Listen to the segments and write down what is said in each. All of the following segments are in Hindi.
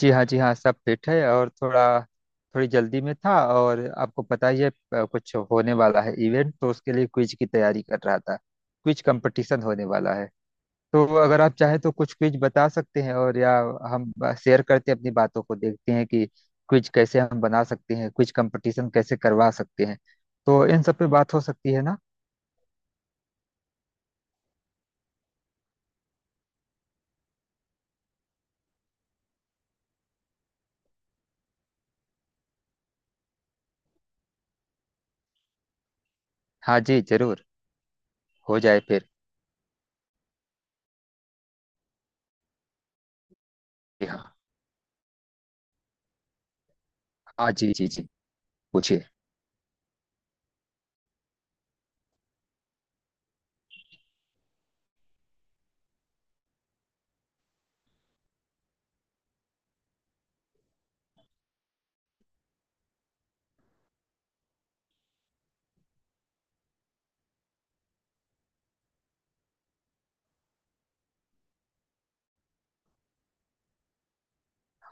जी हाँ जी हाँ, सब फिट है। और थोड़ा थोड़ी जल्दी में था। और आपको पता ही है, कुछ होने वाला है इवेंट। तो उसके लिए क्विज की तैयारी कर रहा था। क्विज कंपटीशन होने वाला है। तो अगर आप चाहें तो कुछ क्विज बता सकते हैं, और या हम शेयर करते हैं अपनी बातों को। देखते हैं कि क्विज कैसे हम बना सकते हैं, क्विज कंपटीशन कैसे करवा सकते हैं। तो इन सब पे बात हो सकती है ना। हाँ जी जरूर, हो जाए फिर। जी हाँ। हाँ जी जी जी, पूछिए।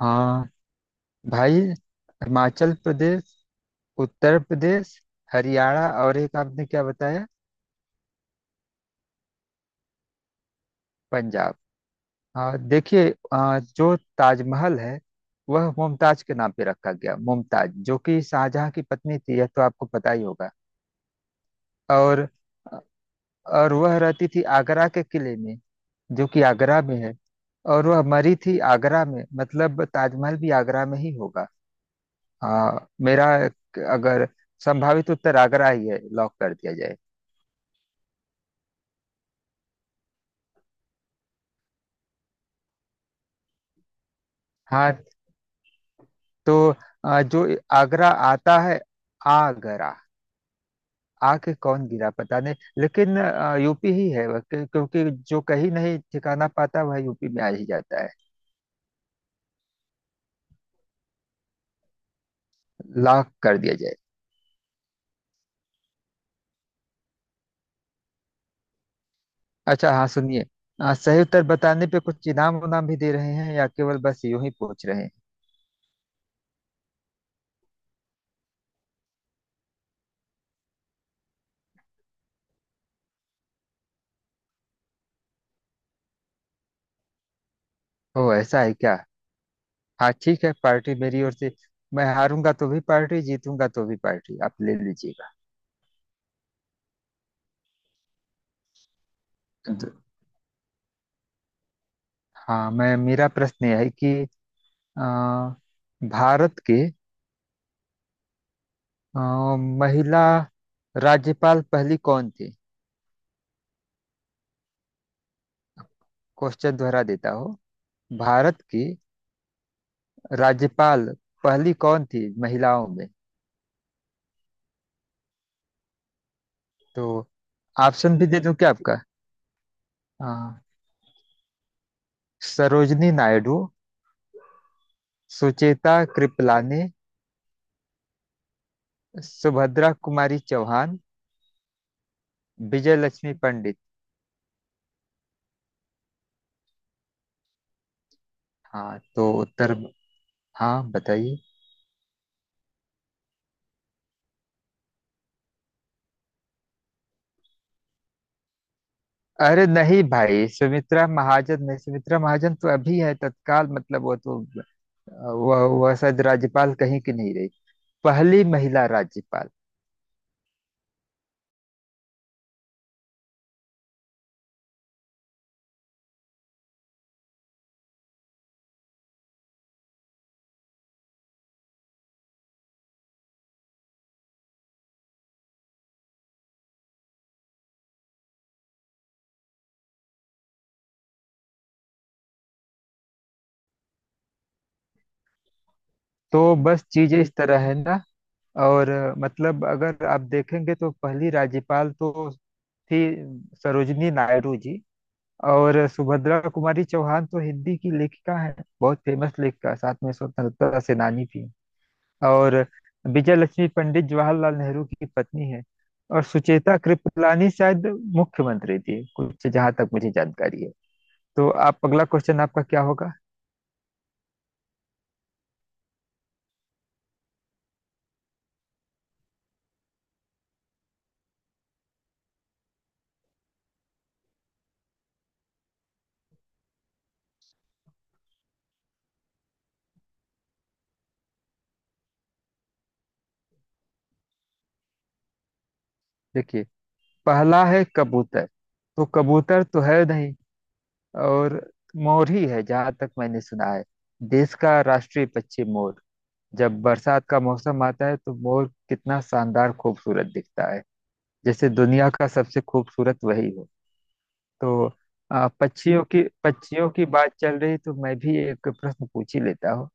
हाँ भाई, हिमाचल प्रदेश, उत्तर प्रदेश, हरियाणा, और एक आपने क्या बताया? पंजाब। हाँ देखिए, जो ताजमहल है वह मुमताज के नाम पे रखा गया। मुमताज जो कि शाहजहां की पत्नी थी, यह तो आपको पता ही होगा। और और वह रहती थी आगरा के किले में, जो कि आगरा में है। और वह मरी थी आगरा में, मतलब ताजमहल भी आगरा में ही होगा। हाँ, मेरा अगर संभावित उत्तर आगरा ही है, लॉक कर दिया जाए। हाँ, तो जो आगरा आता है, आगरा आके कौन गिरा पता नहीं, लेकिन यूपी ही है वह। क्योंकि जो कहीं नहीं ठिकाना पाता वह यूपी में आ ही जाता है। लॉक कर दिया जाए। अच्छा, हाँ सुनिए, सही उत्तर बताने पे कुछ इनाम उनाम भी दे रहे हैं, या केवल बस यूं ही पूछ रहे हैं? ओ ऐसा है क्या? हाँ ठीक है, पार्टी मेरी ओर से। मैं हारूंगा तो भी पार्टी, जीतूंगा तो भी पार्टी, आप ले लीजिएगा। द- हाँ, मैं मेरा प्रश्न यह है कि अ, भारत के अ, महिला राज्यपाल पहली कौन थी? क्वेश्चन दोहरा देता हूँ। भारत की राज्यपाल पहली कौन थी महिलाओं में? तो ऑप्शन भी दे दूं क्या आपका? हाँ, सरोजनी नायडू, सुचेता कृपलानी, सुभद्रा कुमारी चौहान, विजय लक्ष्मी पंडित। हाँ तो उत्तर, हाँ बताइए। अरे नहीं भाई, सुमित्रा महाजन नहीं। सुमित्रा महाजन तो अभी है तत्काल, मतलब वो तो वह शायद राज्यपाल कहीं की नहीं रही। पहली महिला राज्यपाल। तो बस चीजें इस तरह है ना। और मतलब अगर आप देखेंगे तो पहली राज्यपाल तो थी सरोजनी नायडू जी। और सुभद्रा कुमारी चौहान तो हिंदी की लेखिका है, बहुत फेमस लेखिका, साथ में स्वतंत्रता सेनानी थी। और विजय लक्ष्मी पंडित जवाहरलाल नेहरू की पत्नी है। और सुचेता कृपलानी शायद मुख्यमंत्री थी कुछ, जहां तक मुझे जानकारी है। तो आप अगला क्वेश्चन, आपका क्या होगा? देखिए, पहला है कबूतर, तो कबूतर तो है नहीं। और मोर ही है जहां तक मैंने सुना है, देश का राष्ट्रीय पक्षी मोर। जब बरसात का मौसम आता है तो मोर कितना शानदार खूबसूरत दिखता है, जैसे दुनिया का सबसे खूबसूरत वही हो। तो पक्षियों की बात चल रही, तो मैं भी एक प्रश्न पूछ ही लेता हूँ।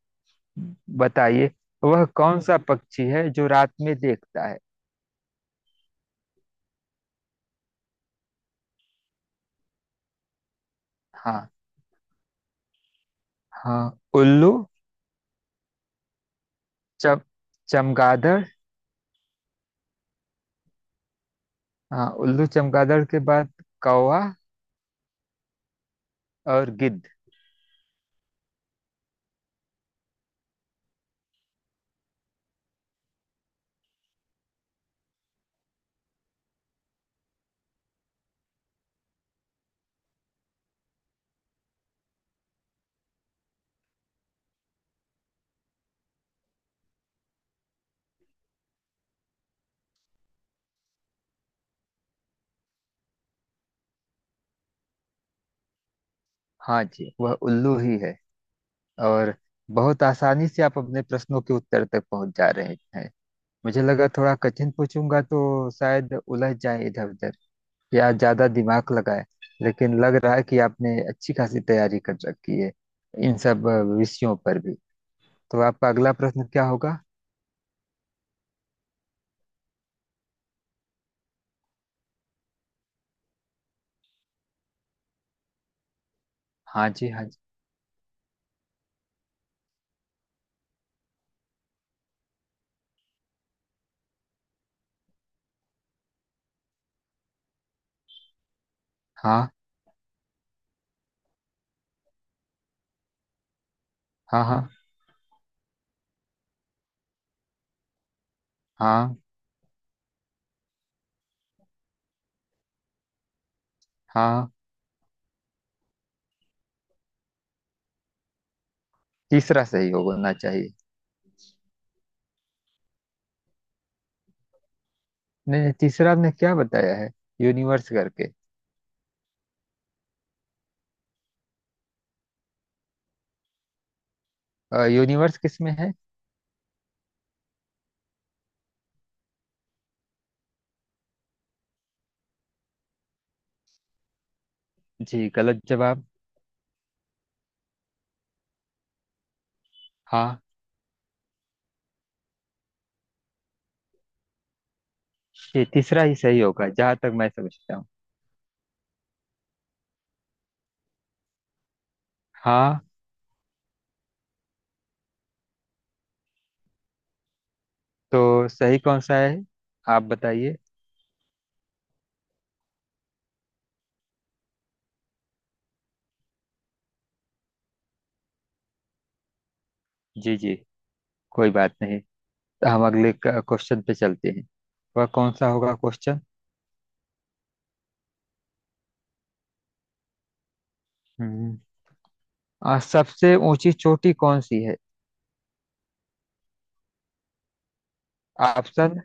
बताइए, वह कौन सा पक्षी है जो रात में देखता है? हाँ। हाँ, उल्लू। चम चमगादड़। हाँ, उल्लू, चमगादड़ के बाद कौवा। और गिद्ध। हाँ जी, वह उल्लू ही है। और बहुत आसानी से आप अपने प्रश्नों के उत्तर तक पहुंच जा रहे हैं। मुझे लगा थोड़ा कठिन पूछूंगा तो शायद उलझ जाए इधर उधर, या ज्यादा दिमाग लगाए, लेकिन लग रहा है कि आपने अच्छी खासी तैयारी कर रखी है इन सब विषयों पर भी। तो आपका अगला प्रश्न क्या होगा? हाँ जी हाँ जी। हाँ हाँ। हाँ। हाँ हाँ। तीसरा सही होना चाहिए। नहीं नहीं, तीसरा आपने क्या बताया है? यूनिवर्स करके। यूनिवर्स किसमें है? जी गलत जवाब। हाँ, ये तीसरा ही सही होगा, जहां तक मैं समझता हूँ। हाँ। तो सही कौन सा है? आप बताइए। जी जी, कोई बात नहीं। तो हम अगले क्वेश्चन पे चलते हैं। वह कौन सा होगा क्वेश्चन? हम्म। सबसे ऊंची चोटी कौन सी है? Option: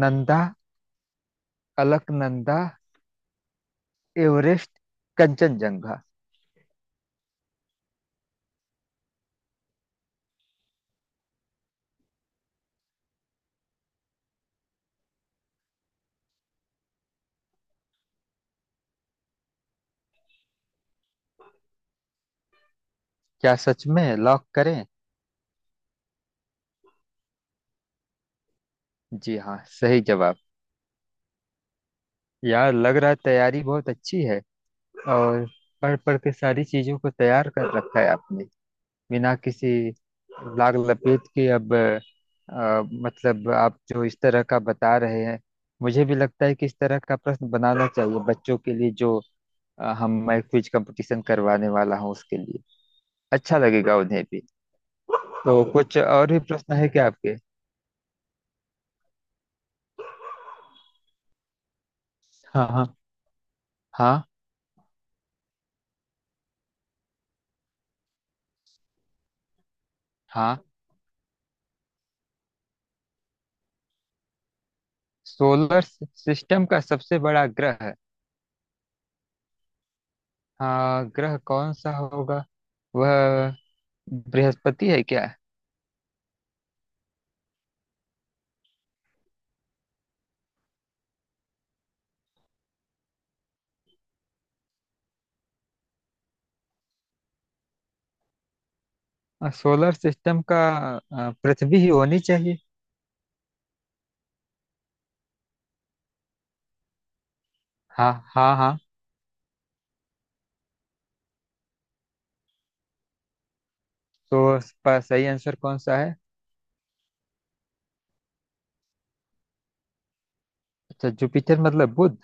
Nanda, Alaknanda, Everest, Kanchenjunga. क्या सच में लॉक करें? जी हाँ, सही जवाब। यार, लग रहा है तैयारी बहुत अच्छी है। और पढ़ पढ़ के सारी चीजों को तैयार कर रखा है आपने, बिना किसी लाग लपेट के। अब मतलब आप जो इस तरह का बता रहे हैं, मुझे भी लगता है कि इस तरह का प्रश्न बनाना चाहिए बच्चों के लिए, जो हम मैं क्विज कंपटीशन करवाने वाला हूँ उसके लिए। अच्छा लगेगा उन्हें भी। तो कुछ और भी प्रश्न है क्या आपके? हाँ हाँ। हाँ। हाँ। सोलर सिस्टम का सबसे बड़ा ग्रह। हाँ, ग्रह कौन सा होगा? वह बृहस्पति है क्या? सोलर सिस्टम का पृथ्वी ही होनी चाहिए। हाँ हाँ हाँ। तो इसका सही आंसर कौन सा है? अच्छा, जुपिटर मतलब बुध।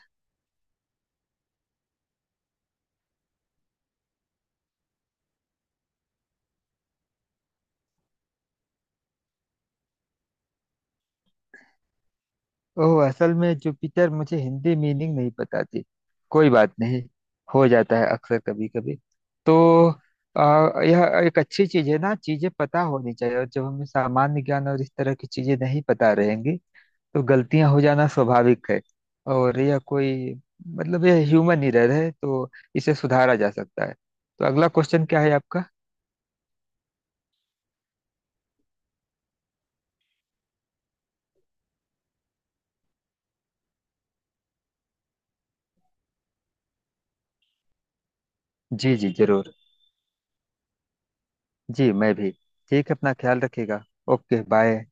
ओह, असल में जुपिटर मुझे हिंदी मीनिंग नहीं पता थी। कोई बात नहीं, हो जाता है अक्सर कभी कभी। तो यह एक अच्छी चीज है ना, चीजें पता होनी चाहिए। और जब हमें सामान्य ज्ञान और इस तरह की चीजें नहीं पता रहेंगी, तो गलतियां हो जाना स्वाभाविक है। और यह कोई मतलब यह ह्यूमन एरर है, तो इसे सुधारा जा सकता है। तो अगला क्वेश्चन क्या है आपका? जी जी जरूर। जी, मैं भी ठीक है, अपना ख्याल रखिएगा। Okay bye.